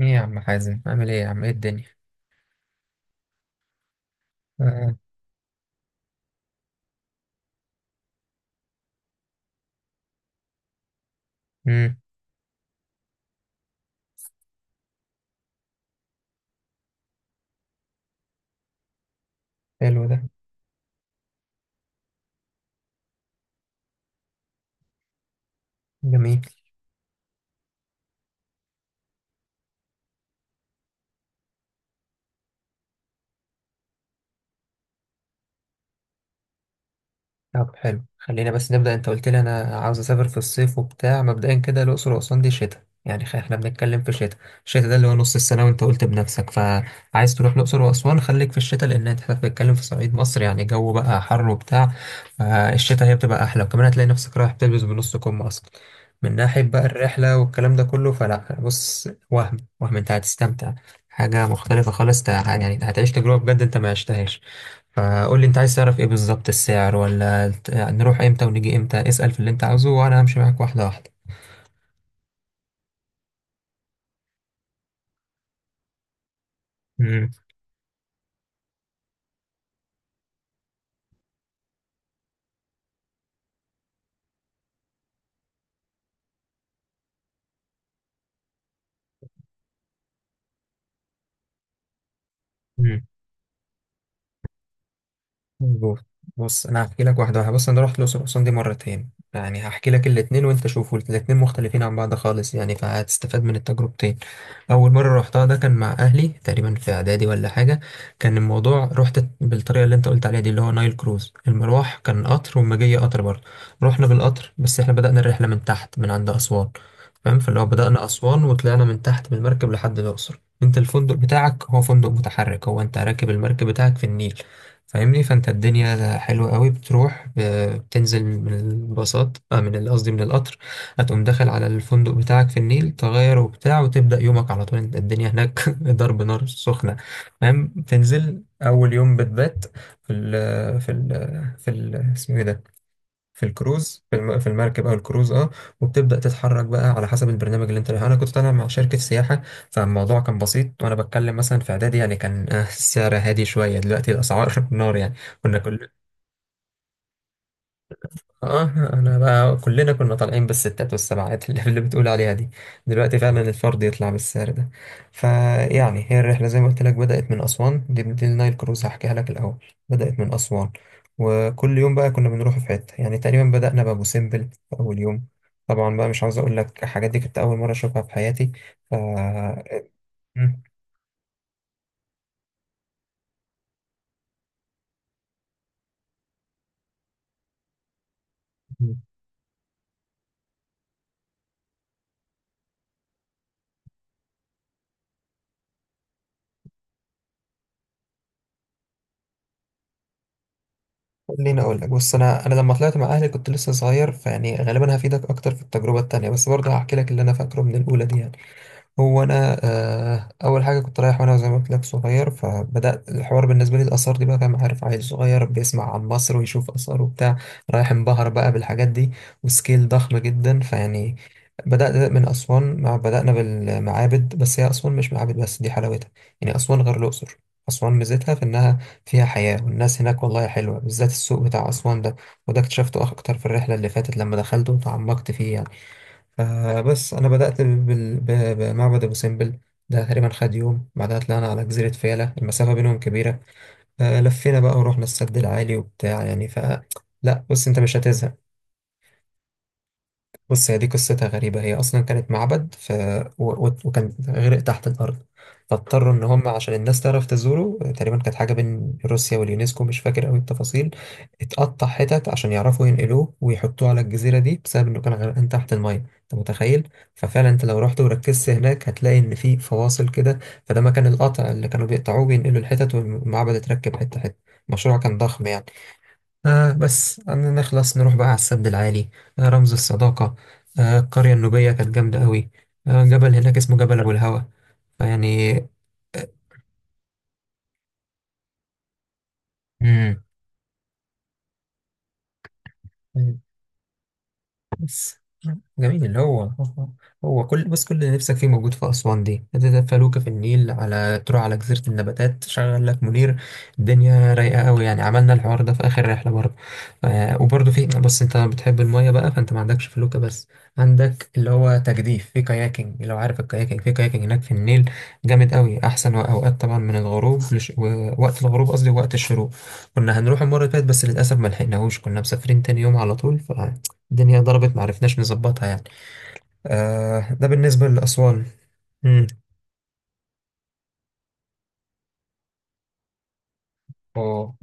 ايه يا عم حازم، عامل ايه يا عم؟ ايه الدنيا؟ آه. امم. حلو ده. جميل. طب حلو، خلينا بس نبدأ. انت قلت لي انا عاوز اسافر في الصيف وبتاع، مبدئيا كده الاقصر واسوان دي شتاء يعني، احنا بنتكلم في شتاء. الشتاء ده اللي هو نص السنة، وانت قلت بنفسك، فعايز تروح الاقصر واسوان خليك في الشتاء، لان انت بتتكلم في صعيد مصر يعني، جو بقى حر وبتاع. فالشتاء هي بتبقى احلى، وكمان هتلاقي نفسك رايح بتلبس بنص كم اصلا. من ناحية بقى الرحلة والكلام ده كله، فلا بص، وهم وهم انت هتستمتع. حاجة مختلفة خالص، يعني هتعيش تجربة بجد انت ما عشتهاش. فقول لي انت عايز تعرف ايه بالظبط، السعر ولا نروح امتى ونيجي امتى. اسأل في اللي انت عاوزه وانا همشي معاك واحدة واحدة. مم. مم. مظبوط. بص انا هحكي لك واحده واحده. بص انا رحت الاقصر واسوان دي مرتين، يعني هحكي لك الاتنين وانت شوفوا، الاتنين مختلفين عن بعض خالص يعني، فهتستفاد من التجربتين. اول مره رحتها ده كان مع اهلي تقريبا في اعدادي ولا حاجه. كان الموضوع رحت بالطريقه اللي انت قلت عليها دي، اللي هو نايل كروز. المروح كان قطر والما جاي قطر برضه. رحنا بالقطر، بس احنا بدأنا الرحله من تحت من عند اسوان. فاهم؟ فاللي هو بدأنا اسوان وطلعنا من تحت بالمركب لحد الاقصر. انت الفندق بتاعك هو فندق متحرك، هو انت راكب المركب بتاعك في النيل. فاهمني؟ فانت الدنيا حلوة قوي، بتروح بتنزل من الباصات، من قصدي من القطر. هتقوم داخل على الفندق بتاعك في النيل، تغير وبتاع، وتبدأ يومك على طول. انت الدنيا هناك ضرب نار سخنة. فاهم؟ تنزل أول يوم بتبات في ال اسمه ايه ده، في الكروز، في المركب او الكروز اه. وبتبدا تتحرك بقى على حسب البرنامج اللي انت رايح. انا كنت طالع مع شركه سياحه، فالموضوع كان بسيط. وانا بتكلم مثلا في اعدادي يعني، كان السعر هادي شويه. دلوقتي الاسعار نار يعني. كنا كلنا اه انا بقى، كلنا كنا طالعين بالستات والسبعات اللي بتقول عليها دي. دلوقتي فعلا الفرد يطلع بالسعر ده. فيعني هي الرحله زي ما قلت لك بدات من اسوان، دي النايل كروز هحكيها لك الاول. بدات من اسوان، وكل يوم بقى كنا بنروح في حته يعني. تقريبا بدانا بابو سمبل في اول يوم. طبعا بقى مش عاوز اقول لك، الحاجات دي كنت اول مره اشوفها في حياتي. ف مم. خليني اقول لك، بص انا لما طلعت مع اهلي كنت لسه صغير، فيعني غالبا هفيدك اكتر في التجربه التانيه، بس برضه هحكي لك اللي انا فاكره من الاولى دي يعني. هو انا اول حاجه كنت رايح، وانا زي ما قلت لك صغير، فبدات الحوار بالنسبه لي الاثار دي بقى. فاهم؟ عارف عيل صغير بيسمع عن مصر ويشوف اثار وبتاع، رايح انبهر بقى بالحاجات دي. وسكيل ضخم جدا فيعني. بدات من اسوان، مع بدانا بالمعابد. بس هي اسوان مش معابد بس، دي حلاوتها. يعني اسوان غير الاقصر. اسوان ميزتها في انها فيها حياه، والناس هناك والله حلوه، بالذات السوق بتاع اسوان ده. وده اكتشفته اكتر في الرحله اللي فاتت لما دخلت وتعمقت فيه يعني. فبس أنا بدأت بمعبد أبو سمبل. ده تقريبا خد يوم. بعدها طلعنا على جزيرة فيلة، المسافة بينهم كبيرة. لفينا بقى ورحنا السد العالي وبتاع يعني. لا بص أنت مش هتزهق. بص هي دي قصتها غريبة، هي أصلا كانت معبد وكان غرق تحت الأرض. فاضطروا إن هم عشان الناس تعرف تزوره، تقريبا كانت حاجة بين روسيا واليونسكو، مش فاكر أوي التفاصيل، اتقطع حتت عشان يعرفوا ينقلوه ويحطوه على الجزيرة دي، بسبب إنه كان غرقان تحت المية. أنت متخيل؟ ففعلا أنت لو رحت وركزت هناك هتلاقي إن في فواصل كده، فده مكان القطع اللي كانوا بيقطعوه بينقلوا الحتت. والمعبد اتركب حتة حتة. المشروع كان ضخم يعني. بس عندنا نخلص، نروح بقى على السد العالي، رمز الصداقة، القرية النوبية كانت جامدة قوي، جبل هناك اسمه جبل أبو الهوى. فيعني آه، مم. بس جميل اللي هو، هو كل بس كل اللي نفسك فيه موجود في أسوان. دي هتبقى فلوكة في النيل، على تروح على جزيرة النباتات، شغل لك منير، الدنيا رايقة قوي يعني. عملنا الحوار ده في آخر رحلة برضه. وبرضه في، بس أنت بتحب المية بقى فأنت ما عندكش فلوكة بس، عندك اللي هو تجديف في كاياكينج. لو عارف الكاياكينج، في كاياكينج هناك في النيل جامد قوي. أحسن أوقات طبعا من الغروب وقت الغروب قصدي، وقت الشروق. كنا هنروح المرة اللي فاتت بس للأسف ما لحقناهوش، كنا مسافرين تاني يوم على طول. الدنيا ضربت معرفناش نظبطها يعني. ده بالنسبة لأسوان. مم. اه.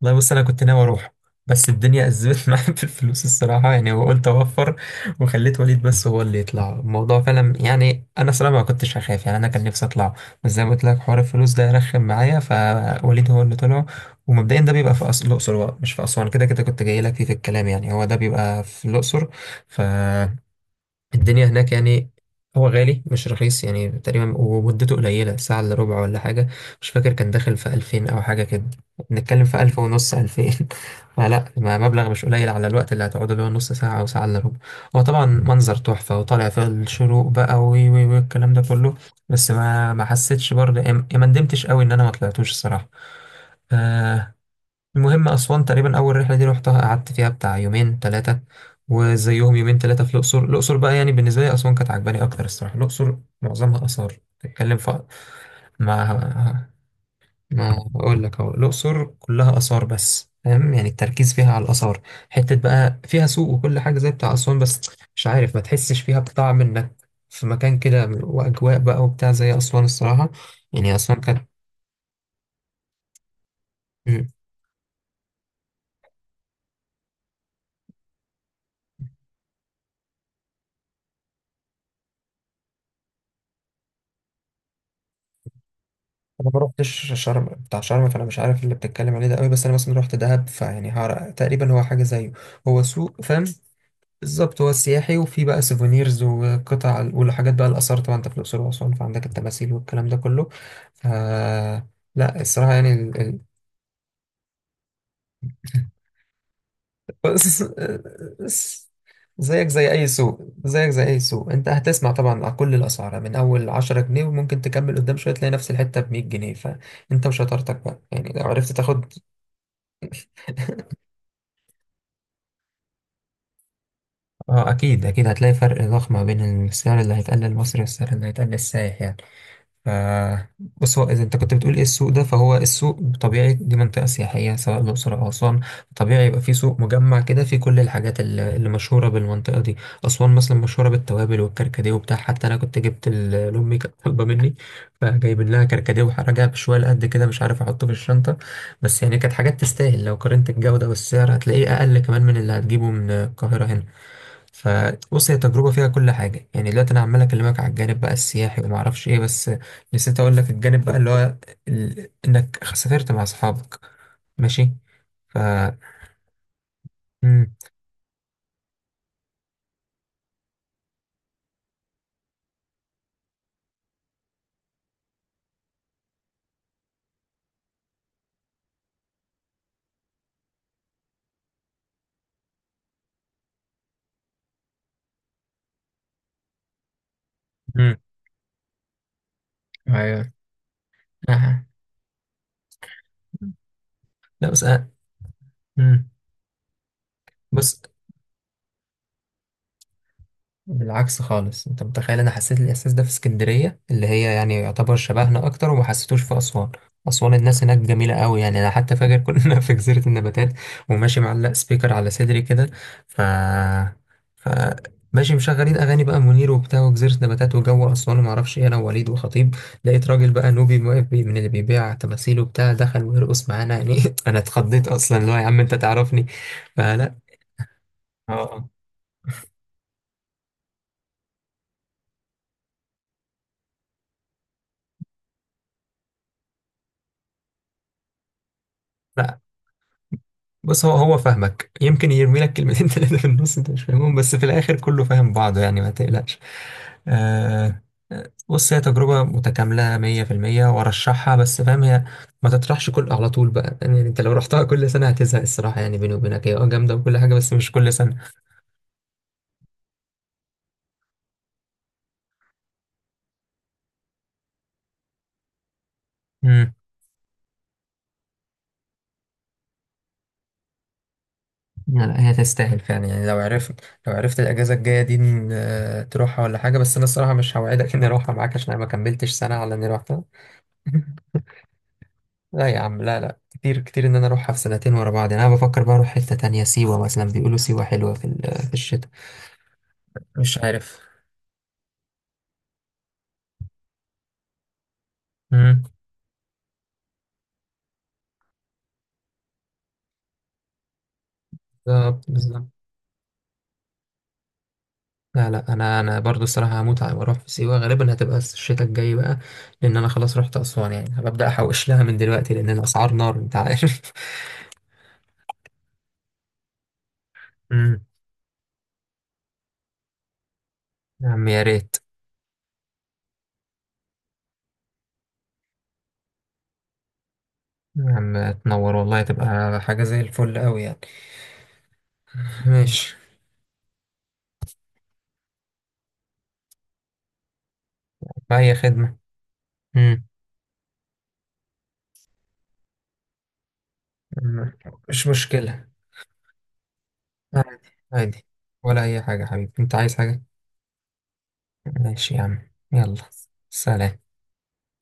والله بص أنا كنت ناوي أروح، بس الدنيا أزمت معايا في الفلوس الصراحة يعني، وقلت أوفر وخليت وليد بس هو اللي يطلع الموضوع فعلا يعني. أنا صراحة ما كنتش هخاف يعني، أنا كان نفسي أطلع. بس زي ما قلت لك، حوار الفلوس ده رخم معايا، فوليد هو اللي طلع. ومبدئيا ده بيبقى في الأقصر بقى مش في أسوان. كده كده كنت جاي لك فيه في الكلام يعني، هو ده بيبقى في الأقصر. ف الدنيا هناك يعني، هو غالي مش رخيص يعني. تقريبا ومدته قليلة، ساعة إلا ربع ولا حاجة. مش فاكر كان داخل في 2000 أو حاجة كده. بنتكلم في 1500، 2000. فلا، ما مبلغ مش قليل على الوقت اللي هتقعده، اللي هو نص ساعة أو ساعة إلا ربع. هو طبعا منظر تحفة، وطالع في الشروق بقى، وي وي وي، الكلام ده كله. بس ما ما حسيتش برضه يعني، ما ندمتش قوي إن أنا ما طلعتوش الصراحة. آه، المهم أسوان تقريبا، أول رحلة دي روحتها قعدت فيها بتاع يومين تلاتة، وزيهم يومين تلاتة في الأقصر. الأقصر بقى يعني، بالنسبة لي أسوان كانت عجباني أكتر الصراحة. الأقصر معظمها آثار، تتكلم في ما ما أقول لك أهو، الأقصر كلها آثار بس فاهم، يعني التركيز فيها على الآثار. حتة بقى فيها سوق وكل حاجة زي بتاع أسوان، بس مش عارف، ما تحسش فيها بطعم إنك في مكان كده وأجواء بقى وبتاع زي أسوان الصراحة. يعني أسوان كانت. انا ما روحتش شرم، بتاع شرم فانا مش عارف اللي بتتكلم عليه ده قوي. بس انا مثلا روحت دهب، فيعني تقريبا هو حاجه زيه. هو سوق فاهم. بالظبط، هو سياحي، وفي بقى سيفونيرز وقطع والحاجات. بقى الاثار طبعا، انت في الاقصر واسوان فعندك التماثيل والكلام ده كله. ف لا الصراحه يعني بص، زيك زي اي سوق. انت هتسمع طبعا على كل الاسعار، من اول 10 جنيه وممكن تكمل قدام شويه تلاقي نفس الحته ب 100 جنيه، فانت وشطارتك بقى يعني لو عرفت تاخد. اه، اكيد اكيد، هتلاقي فرق ضخم ما بين السعر اللي هيتقال للمصري والسعر اللي هيتقال للسائح يعني. ف بص، هو اذا انت كنت بتقول ايه السوق ده، فهو السوق طبيعي. دي منطقه سياحيه سواء الاقصر او اسوان، طبيعي يبقى في سوق مجمع كده فيه كل الحاجات اللي مشهوره بالمنطقه دي. اسوان مثلا مشهوره بالتوابل والكركديه وبتاع. حتى انا كنت جبت لامي كانت طالبه مني، فجايبين لها كركديه وراجع بشويه قد كده، مش عارف احطه في الشنطه. بس يعني كانت حاجات تستاهل، لو قارنت الجوده والسعر هتلاقيه اقل كمان من اللي هتجيبه من القاهره هنا. فبص، هي تجربة فيها كل حاجة يعني. دلوقتي أنا عمال أكلمك على الجانب بقى السياحي وما أعرفش إيه، بس نسيت أقول لك الجانب بقى اللي هو إنك سافرت مع أصحابك. ماشي. ف مم. امم. ايوه. أها. لا بس أنا. مم. بص، بالعكس خالص، انت متخيل، انا حسيت الاحساس ده في اسكندريه اللي هي يعني يعتبر شبهنا اكتر، وما حسيتوش في اسوان. اسوان الناس هناك جميله قوي يعني. انا حتى فاكر كنا في جزيره النباتات، وماشي معلق سبيكر على صدري كده. ف ف ماشي مشغلين اغاني بقى منير وبتاع، وجزيره نباتات وجو اسوان وما اعرفش ايه، انا ووليد وخطيب. لقيت راجل بقى نوبي واقف من اللي بيبيع تماثيل وبتاع، دخل ويرقص معانا يعني. انا اتخضيت اصلا، اللي هو يا عم انت تعرفني. فلا. اه. لا بص، هو هو فاهمك، يمكن يرمي لك كلمتين ثلاثة في النص انت مش فاهمهم، بس في الآخر كله فاهم بعضه يعني، ما تقلقش. آه. بص هي تجربة متكاملة 100% وأرشحها، بس فاهم، هي ما تطرحش كل على طول بقى يعني. أنت لو رحتها كل سنة هتزهق الصراحة يعني، بيني وبينك هي جامدة وكل حاجة، بس مش كل سنة. امم. لا لا، هي تستاهل فعلا يعني لو عرفت، لو عرفت الأجازة الجاية دي إن، تروحها ولا حاجة. بس أنا الصراحة مش هوعدك إني أروحها معاك عشان أنا ما كملتش سنة على إني روحتها. لا يا عم، لا لا كتير كتير ان انا اروحها في سنتين ورا بعض يعني. انا بفكر بقى اروح حتة تانية سيوة مثلا، بيقولوا سيوة حلوة في في الشتاء، مش عارف. امم. بالظبط بالظبط. لا لا، انا برضو الصراحة هموت واروح في سيوة، غالبا هتبقى الشتاء الجاي بقى، لان انا خلاص رحت اسوان. يعني هبدأ احوش لها من دلوقتي، لان الاسعار نار انت عارف. امم. يا عم يا ريت. يا عم تنور والله، تبقى حاجة زي الفل قوي يعني. ماشي. بأي خدمة. امم. مش مشكلة. عادي. عادي. ولا أي حاجة حبيبي، أنت عايز حاجة؟ ماشي يا عم، يلا. سلام.